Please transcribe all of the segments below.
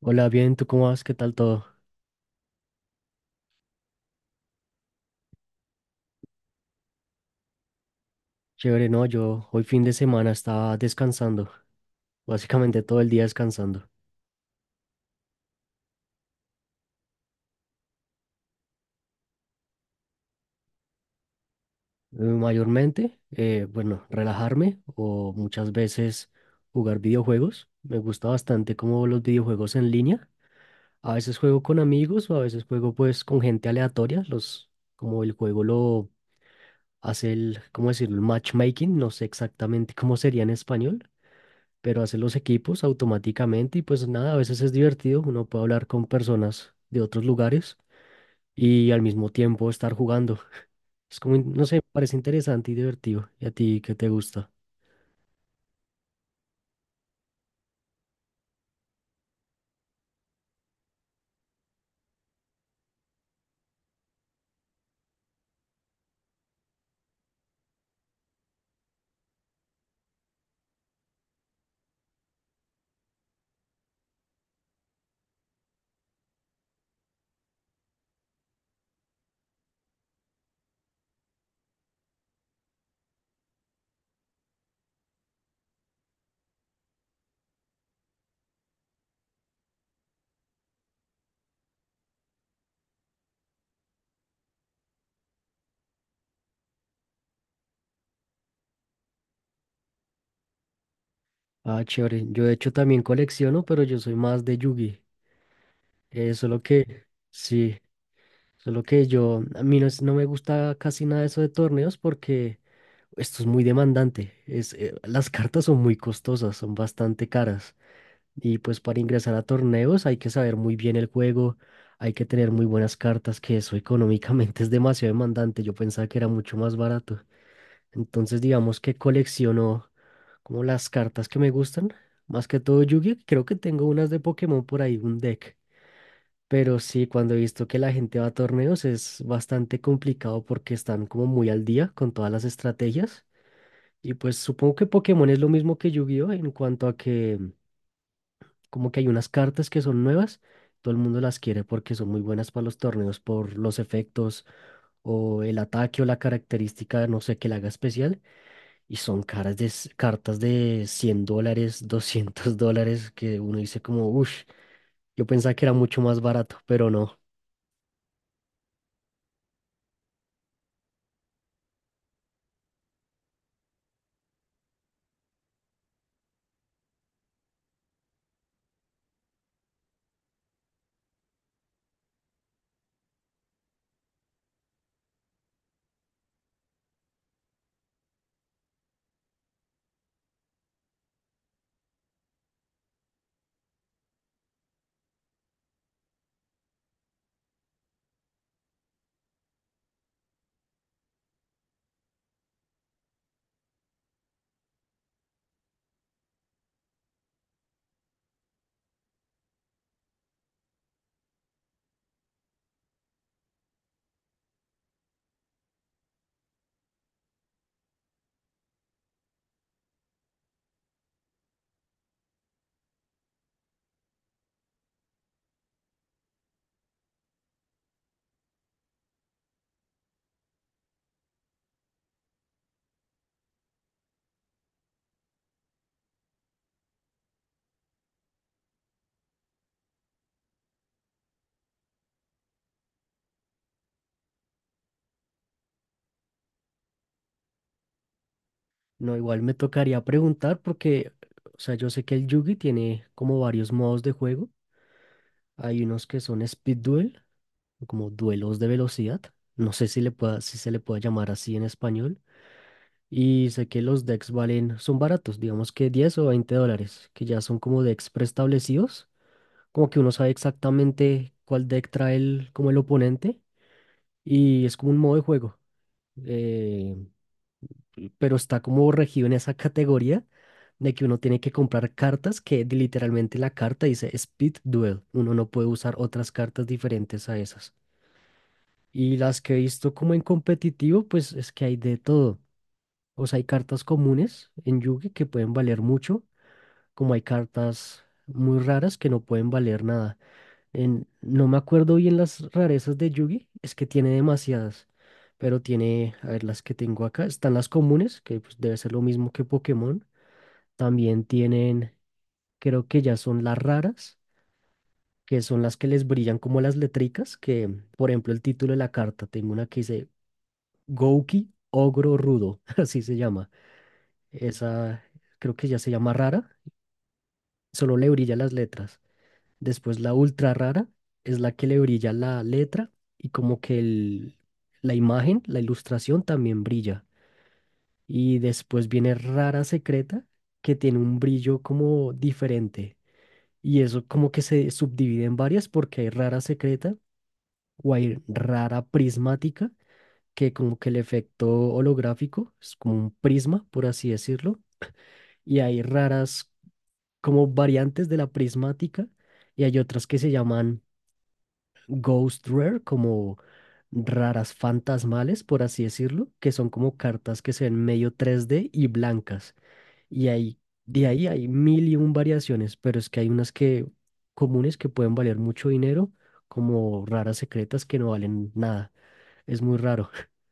Hola, bien, ¿tú cómo vas? ¿Qué tal todo? Chévere, no, yo hoy fin de semana estaba descansando, básicamente todo el día descansando. Mayormente, bueno, relajarme o muchas veces jugar videojuegos. Me gusta bastante como los videojuegos en línea. A veces juego con amigos o a veces juego pues con gente aleatoria, los, como el juego lo hace el, ¿cómo decirlo? El matchmaking, no sé exactamente cómo sería en español, pero hace los equipos automáticamente y pues nada, a veces es divertido, uno puede hablar con personas de otros lugares y al mismo tiempo estar jugando. Es como, no sé, parece interesante y divertido. ¿Y a ti qué te gusta? Ah, chévere. Yo de hecho también colecciono, pero yo soy más de Yugi. Solo que, sí, solo que yo, a mí no, no me gusta casi nada eso de torneos porque esto es muy demandante. Las cartas son muy costosas, son bastante caras. Y pues para ingresar a torneos hay que saber muy bien el juego, hay que tener muy buenas cartas, que eso económicamente es demasiado demandante. Yo pensaba que era mucho más barato. Entonces digamos que colecciono como las cartas que me gustan, más que todo Yu-Gi-Oh! Creo que tengo unas de Pokémon por ahí, un deck. Pero sí, cuando he visto que la gente va a torneos es bastante complicado porque están como muy al día con todas las estrategias. Y pues supongo que Pokémon es lo mismo que Yu-Gi-Oh! En cuanto a que como que hay unas cartas que son nuevas, todo el mundo las quiere porque son muy buenas para los torneos por los efectos o el ataque o la característica, no sé, que la haga especial. Y son caras cartas de $100, 200 dólares, que uno dice como, uff, yo pensaba que era mucho más barato, pero no. No, igual me tocaría preguntar porque, o sea, yo sé que el Yugi tiene como varios modos de juego. Hay unos que son Speed Duel, como duelos de velocidad. No sé si le pueda, si se le puede llamar así en español. Y sé que los decks valen, son baratos, digamos que $10 o $20, que ya son como decks preestablecidos, como que uno sabe exactamente cuál deck trae el, como el oponente, y es como un modo de juego, eh, pero está como regido en esa categoría de que uno tiene que comprar cartas que literalmente la carta dice Speed Duel, uno no puede usar otras cartas diferentes a esas. Y las que he visto como en competitivo, pues es que hay de todo. O sea, hay cartas comunes en Yugi que pueden valer mucho, como hay cartas muy raras que no pueden valer nada. No me acuerdo bien las rarezas de Yugi, es que tiene demasiadas, pero tiene, a ver, las que tengo acá, están las comunes, que pues, debe ser lo mismo que Pokémon. También tienen, creo que ya son las raras, que son las que les brillan como las letricas, que por ejemplo el título de la carta, tengo una que dice Gouki Ogro Rudo, así se llama. Esa creo que ya se llama rara, solo le brilla las letras. Después la ultra rara es la que le brilla la letra y como que la imagen, la ilustración también brilla. Y después viene rara secreta que tiene un brillo como diferente. Y eso como que se subdivide en varias porque hay rara secreta o hay rara prismática que como que el efecto holográfico es como un prisma, por así decirlo, y hay raras como variantes de la prismática y hay otras que se llaman ghost rare, como raras fantasmales, por así decirlo, que son como cartas que se ven medio 3D y blancas. Y ahí, de ahí hay mil y un variaciones, pero es que hay unas que comunes que pueden valer mucho dinero, como raras secretas que no valen nada. Es muy raro.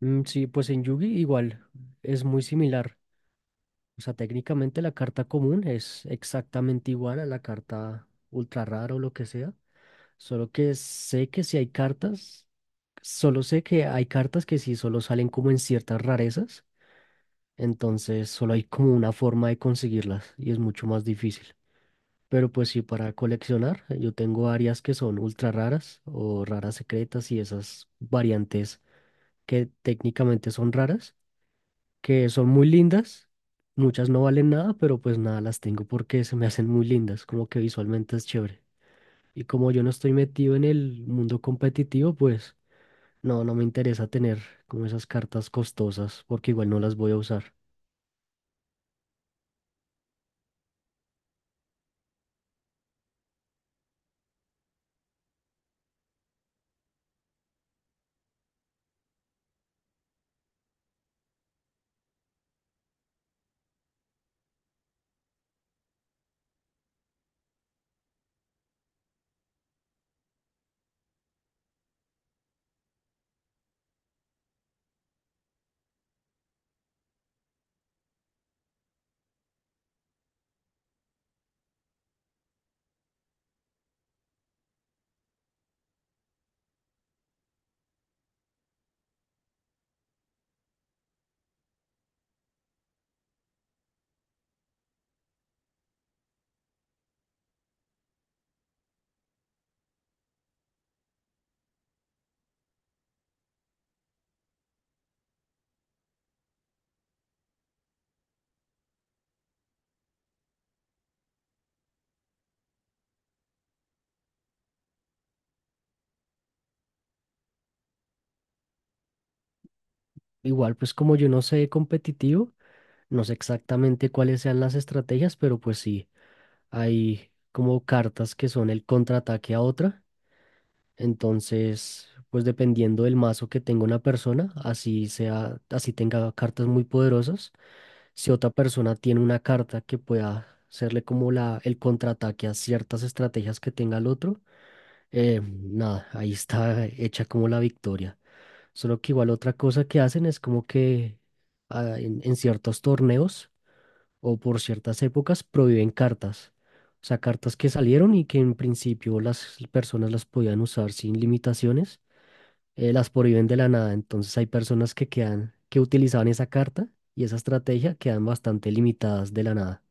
Mm, sí, pues en Yugi igual es muy similar. O sea, técnicamente la carta común es exactamente igual a la carta ultra rara o lo que sea, solo que sé que si hay cartas, solo sé que hay cartas que sí solo salen como en ciertas rarezas, entonces solo hay como una forma de conseguirlas y es mucho más difícil. Pero pues sí, para coleccionar, yo tengo varias que son ultra raras o raras secretas y esas variantes que técnicamente son raras que son muy lindas. Muchas no valen nada, pero pues nada, las tengo porque se me hacen muy lindas, como que visualmente es chévere. Y como yo no estoy metido en el mundo competitivo, pues no, no me interesa tener como esas cartas costosas porque igual no las voy a usar. Igual, pues como yo no sé competitivo, no sé exactamente cuáles sean las estrategias, pero pues sí, hay como cartas que son el contraataque a otra. Entonces, pues dependiendo del mazo que tenga una persona, así sea, así tenga cartas muy poderosas, si otra persona tiene una carta que pueda hacerle como la, el contraataque a ciertas estrategias que tenga el otro, nada, ahí está hecha como la victoria. Solo que igual otra cosa que hacen es como que en ciertos torneos o por ciertas épocas prohíben cartas. O sea, cartas que salieron y que en principio las personas las podían usar sin limitaciones, las prohíben de la nada. Entonces hay personas que quedan, que utilizaban esa carta y esa estrategia quedan bastante limitadas de la nada.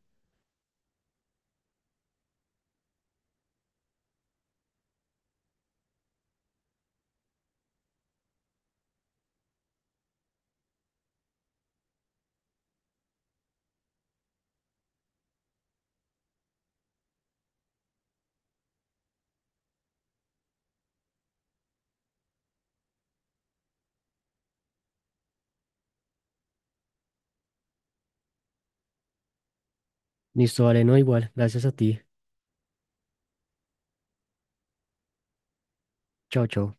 Listo, vale, no igual. Gracias a ti. Chao, chao.